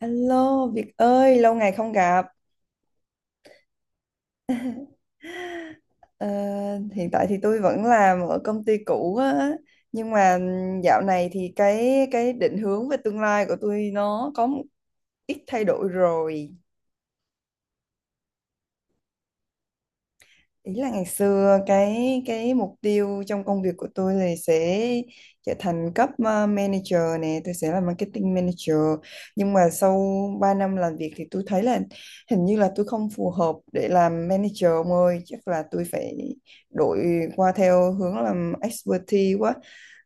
Alo Việt ơi, lâu ngày không gặp. Ờ, hiện tại thì tôi vẫn làm ở công ty cũ á, nhưng mà dạo này thì cái định hướng về tương lai của tôi nó có một ít thay đổi rồi. Ý là ngày xưa cái mục tiêu trong công việc của tôi là sẽ trở thành cấp manager nè, tôi sẽ là marketing manager, nhưng mà sau 3 năm làm việc thì tôi thấy là hình như là tôi không phù hợp để làm manager ông ơi. Chắc là tôi phải đổi qua theo hướng làm expertise quá.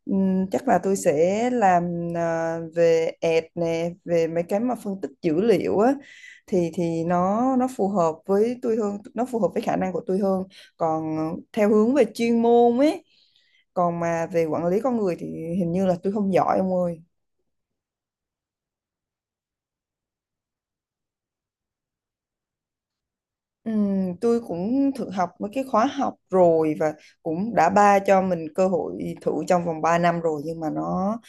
Chắc là tôi sẽ làm, về ad nè, về mấy cái mà phân tích dữ liệu á, thì nó phù hợp với tôi hơn, nó phù hợp với khả năng của tôi hơn. Còn theo hướng về chuyên môn ấy, còn mà về quản lý con người thì hình như là tôi không giỏi ông ơi. Tôi cũng thử học mấy cái khóa học rồi, và cũng đã ba cho mình cơ hội thử trong vòng 3 năm rồi, nhưng mà nó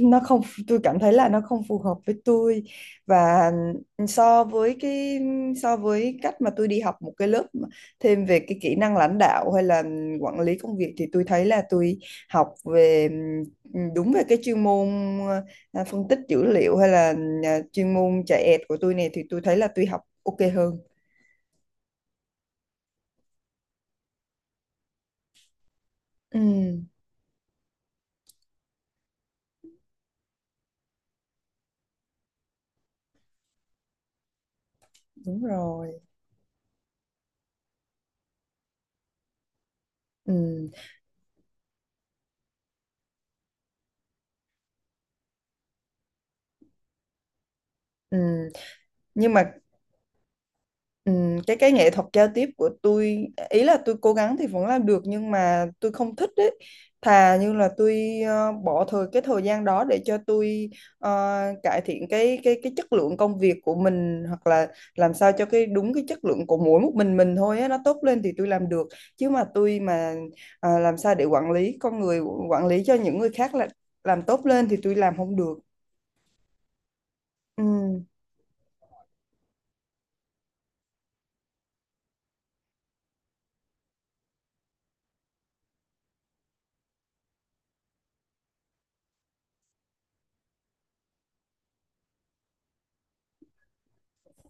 nó không, tôi cảm thấy là nó không phù hợp với tôi. Và so với cái, so với cách mà tôi đi học một cái lớp mà thêm về cái kỹ năng lãnh đạo hay là quản lý công việc, thì tôi thấy là tôi học về đúng về cái chuyên môn, phân tích dữ liệu, hay là chuyên môn chạy ẹt của tôi này, thì tôi thấy là tôi học ok hơn. Ừ, đúng rồi. Ừ. Ừ, nhưng mà cái nghệ thuật giao tiếp của tôi, ý là tôi cố gắng thì vẫn làm được nhưng mà tôi không thích đấy. Thà như là tôi bỏ cái thời gian đó để cho tôi ờ, cải thiện cái chất lượng công việc của mình, hoặc là làm sao cho cái đúng cái chất lượng của mỗi một mình thôi á, nó tốt lên thì tôi làm được. Chứ mà tôi mà làm sao để quản lý con người, quản lý cho những người khác là làm tốt lên thì tôi làm không được. Ừ.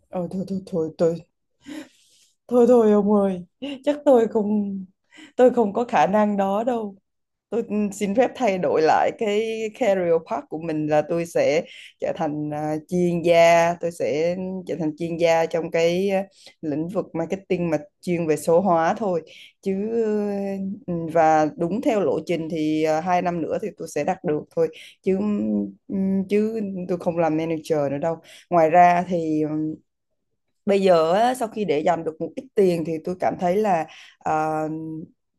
Ờ, thôi thôi thôi tôi, thôi thôi ông ơi, chắc tôi không có khả năng đó đâu. Tôi xin phép thay đổi lại cái career path của mình là tôi sẽ trở thành, chuyên gia, tôi sẽ trở thành chuyên gia trong cái, lĩnh vực marketing mà chuyên về số hóa thôi. Chứ ừ, và đúng theo lộ trình thì 2 năm nữa thì tôi sẽ đạt được thôi. Chứ ừ, chứ tôi không làm manager nữa đâu. Ngoài ra thì bây giờ á, sau khi để dành được một ít tiền thì tôi cảm thấy là ờ,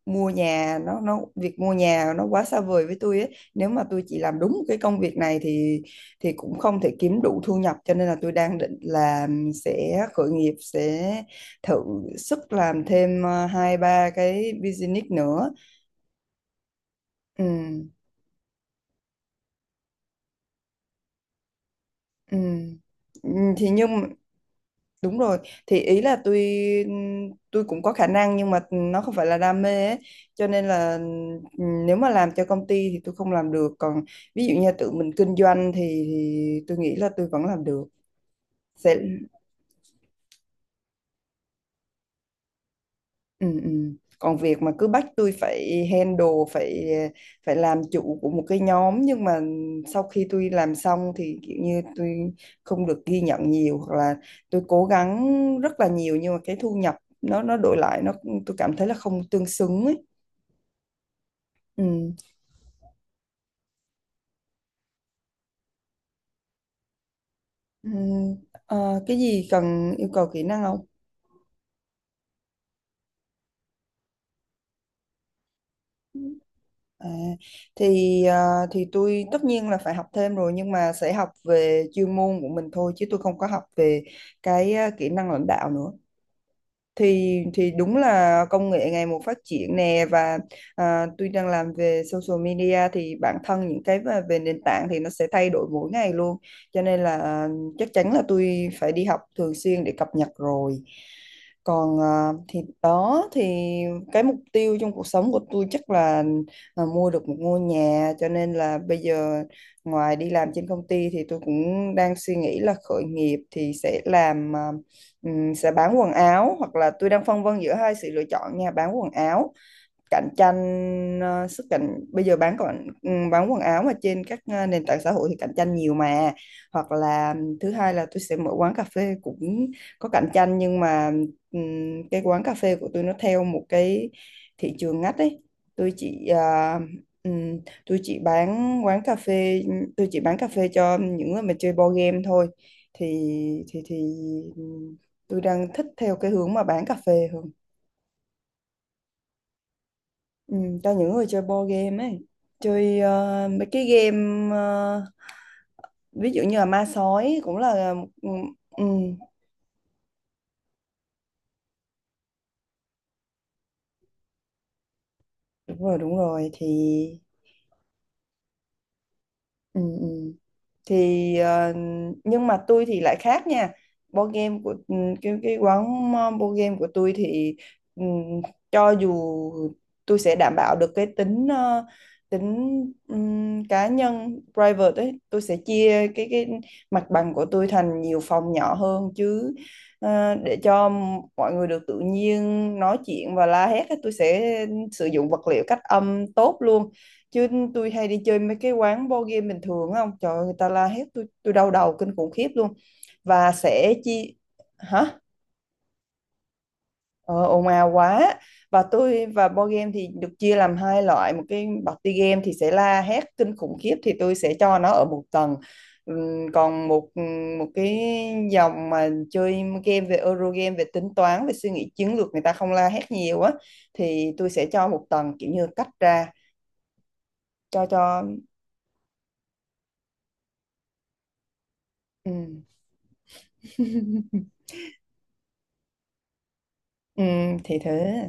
mua nhà nó việc mua nhà nó quá xa vời với tôi ấy. Nếu mà tôi chỉ làm đúng cái công việc này thì cũng không thể kiếm đủ thu nhập, cho nên là tôi đang định là sẽ khởi nghiệp, sẽ thử sức làm thêm hai ba cái business nữa. Ừ. Ừ. Ừ, thì nhưng đúng rồi, thì ý là tôi cũng có khả năng nhưng mà nó không phải là đam mê ấy. Cho nên là nếu mà làm cho công ty thì tôi không làm được, còn ví dụ như tự mình kinh doanh thì, tôi nghĩ là tôi vẫn làm được. Sẽ. Ừ, ừ. Còn việc mà cứ bắt tôi phải handle, phải phải làm chủ của một cái nhóm, nhưng mà sau khi tôi làm xong thì kiểu như tôi không được ghi nhận nhiều, hoặc là tôi cố gắng rất là nhiều nhưng mà cái thu nhập, nó đổi lại nó, tôi cảm thấy là không tương xứng ấy. Ừ. Ừ. Ờ, cái gì cần yêu cầu kỹ năng không? À, thì tôi tất nhiên là phải học thêm rồi, nhưng mà sẽ học về chuyên môn của mình thôi chứ tôi không có học về cái, kỹ năng lãnh đạo nữa. Thì đúng là công nghệ ngày một phát triển nè, và tuy đang làm về social media thì bản thân những cái về nền tảng thì nó sẽ thay đổi mỗi ngày luôn. Cho nên là chắc chắn là tôi phải đi học thường xuyên để cập nhật rồi. Còn thì đó thì cái mục tiêu trong cuộc sống của tôi chắc là mua được một ngôi nhà. Cho nên là bây giờ ngoài đi làm trên công ty thì tôi cũng đang suy nghĩ là khởi nghiệp thì sẽ làm, sẽ bán quần áo, hoặc là tôi đang phân vân giữa hai sự lựa chọn nha. Bán quần áo cạnh tranh, ờ, sức cạnh bây giờ bán, còn bán quần áo mà trên các, nền tảng xã hội thì cạnh tranh nhiều mà. Hoặc là thứ hai là tôi sẽ mở quán cà phê, cũng có cạnh tranh nhưng mà cái quán cà phê của tôi nó theo một cái thị trường ngách ấy. Tôi chỉ ờ, ừm, tôi chỉ bán cà phê cho những người mà chơi board game thôi. thì thì thì ừ, tôi đang thích theo cái hướng mà bán cà phê hơn. Ừ, cho những người chơi board game ấy, chơi mấy cái game, ví dụ như là ma sói cũng là. Ừ, ừ, đúng rồi, đúng rồi. Thì ừ, ừ, thì nhưng mà tôi thì lại khác nha. Board game của, board game của tôi thì ừm, cho dù, tôi sẽ đảm bảo được cái tính cá nhân private ấy. Tôi sẽ chia cái mặt bằng của tôi thành nhiều phòng nhỏ hơn, chứ để cho mọi người được tự nhiên nói chuyện và la hét ấy. Tôi sẽ sử dụng vật liệu cách âm tốt luôn. Chứ tôi hay đi chơi mấy cái quán board game bình thường á, ông Trời ơi, người ta la hét, tôi đau đầu kinh khủng khiếp luôn. Và sẽ chia. Hả? Ờ, ồn ào quá. Và tôi và board game thì được chia làm hai loại. Một cái party game thì sẽ la hét kinh khủng khiếp, thì tôi sẽ cho nó ở một tầng. Còn một, một cái dòng mà chơi game về Euro game, về tính toán, về suy nghĩ chiến lược, người ta không la hét nhiều á, thì tôi sẽ cho một tầng kiểu như cách ra. Cho cho ừm. Ừ, thì thế.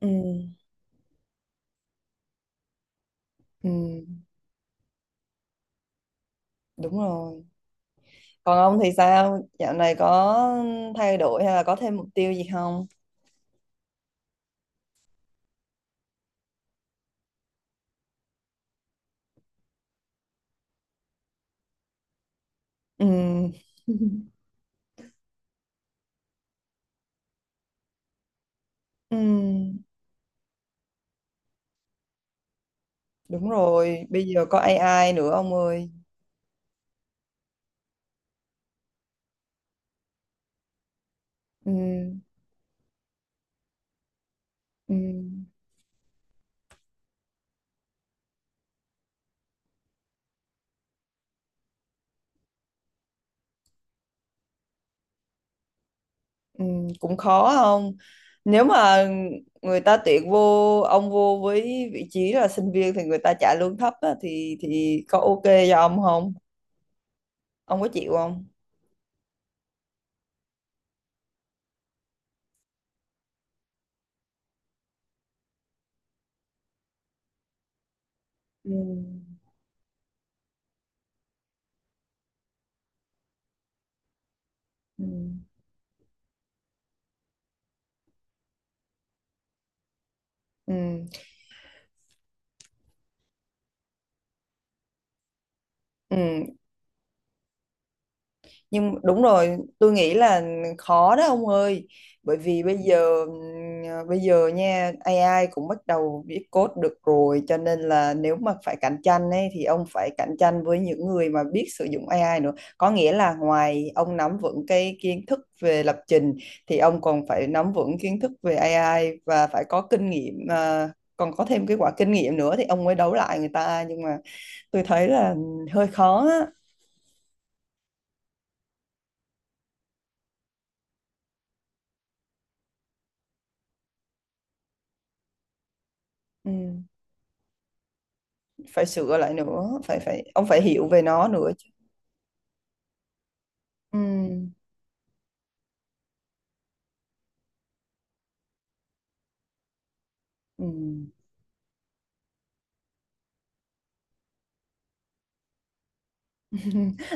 Ừ, ừ, đúng rồi. Còn ông thì sao? Dạo này có thay đổi hay là có thêm mục tiêu gì không? Ừ. Ừ, đúng rồi. Bây giờ có AI nữa ông ơi. Ừ, ừ, ừ, cũng khó không? Nếu mà người ta tuyển vô, ông vô với vị trí là sinh viên thì người ta trả lương thấp á, thì có ok cho ông không? Ông có chịu không? Ừ. Ừ. Ừ. Ừ. Nhưng đúng rồi, tôi nghĩ là khó đó ông ơi, bởi vì bây giờ nha, AI cũng bắt đầu viết code được rồi, cho nên là nếu mà phải cạnh tranh ấy thì ông phải cạnh tranh với những người mà biết sử dụng AI nữa. Có nghĩa là ngoài ông nắm vững cái kiến thức về lập trình thì ông còn phải nắm vững kiến thức về AI, và phải có kinh nghiệm, còn có thêm cái quả kinh nghiệm nữa, thì ông mới đấu lại người ta. Nhưng mà tôi thấy là hơi khó á. Ừ. Phải sửa lại nữa, phải, phải ông phải hiểu về nó nữa chứ. Ừ. Ừ.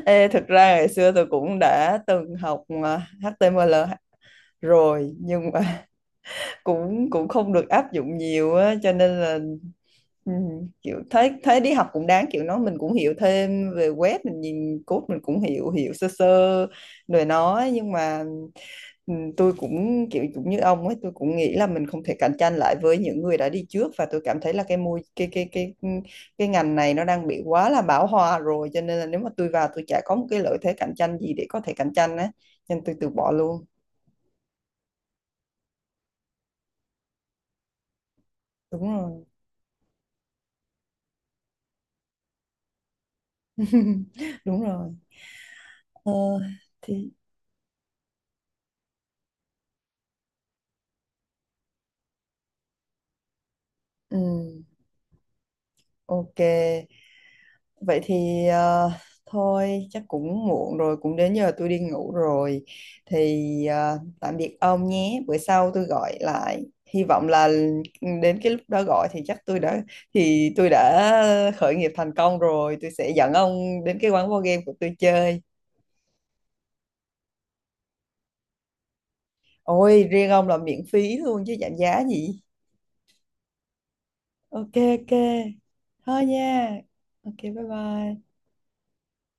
Ê, thực ra ngày xưa tôi cũng đã từng học, HTML rồi nhưng mà cũng cũng không được áp dụng nhiều á, cho nên là Ừ, kiểu thấy, thấy đi học cũng đáng, kiểu nó mình cũng hiểu thêm về web, mình nhìn code mình cũng hiểu hiểu sơ sơ rồi nó, nhưng mà tôi cũng kiểu cũng như ông ấy, tôi cũng nghĩ là mình không thể cạnh tranh lại với những người đã đi trước. Và tôi cảm thấy là cái môi cái ừ, cái ngành này nó đang bị quá là bão hòa rồi. Cho nên là nếu mà tôi vào, tôi chả có một cái lợi thế cạnh tranh gì để có thể cạnh tranh á, nên tôi từ bỏ luôn. Đúng rồi. Đúng rồi. ờ, thì ừ, ok. Vậy thì thôi, chắc cũng muộn rồi, cũng đến giờ tôi đi ngủ rồi. Thì tạm biệt ông nhé. Bữa sau tôi gọi lại. Hy vọng là đến cái lúc đó gọi thì chắc tôi đã, thì tôi đã khởi nghiệp thành công rồi. Tôi sẽ dẫn ông đến cái quán board game của tôi chơi. Ôi, riêng ông là miễn phí luôn chứ giảm giá gì. Ok ok. Thôi nha. Ok bye bye.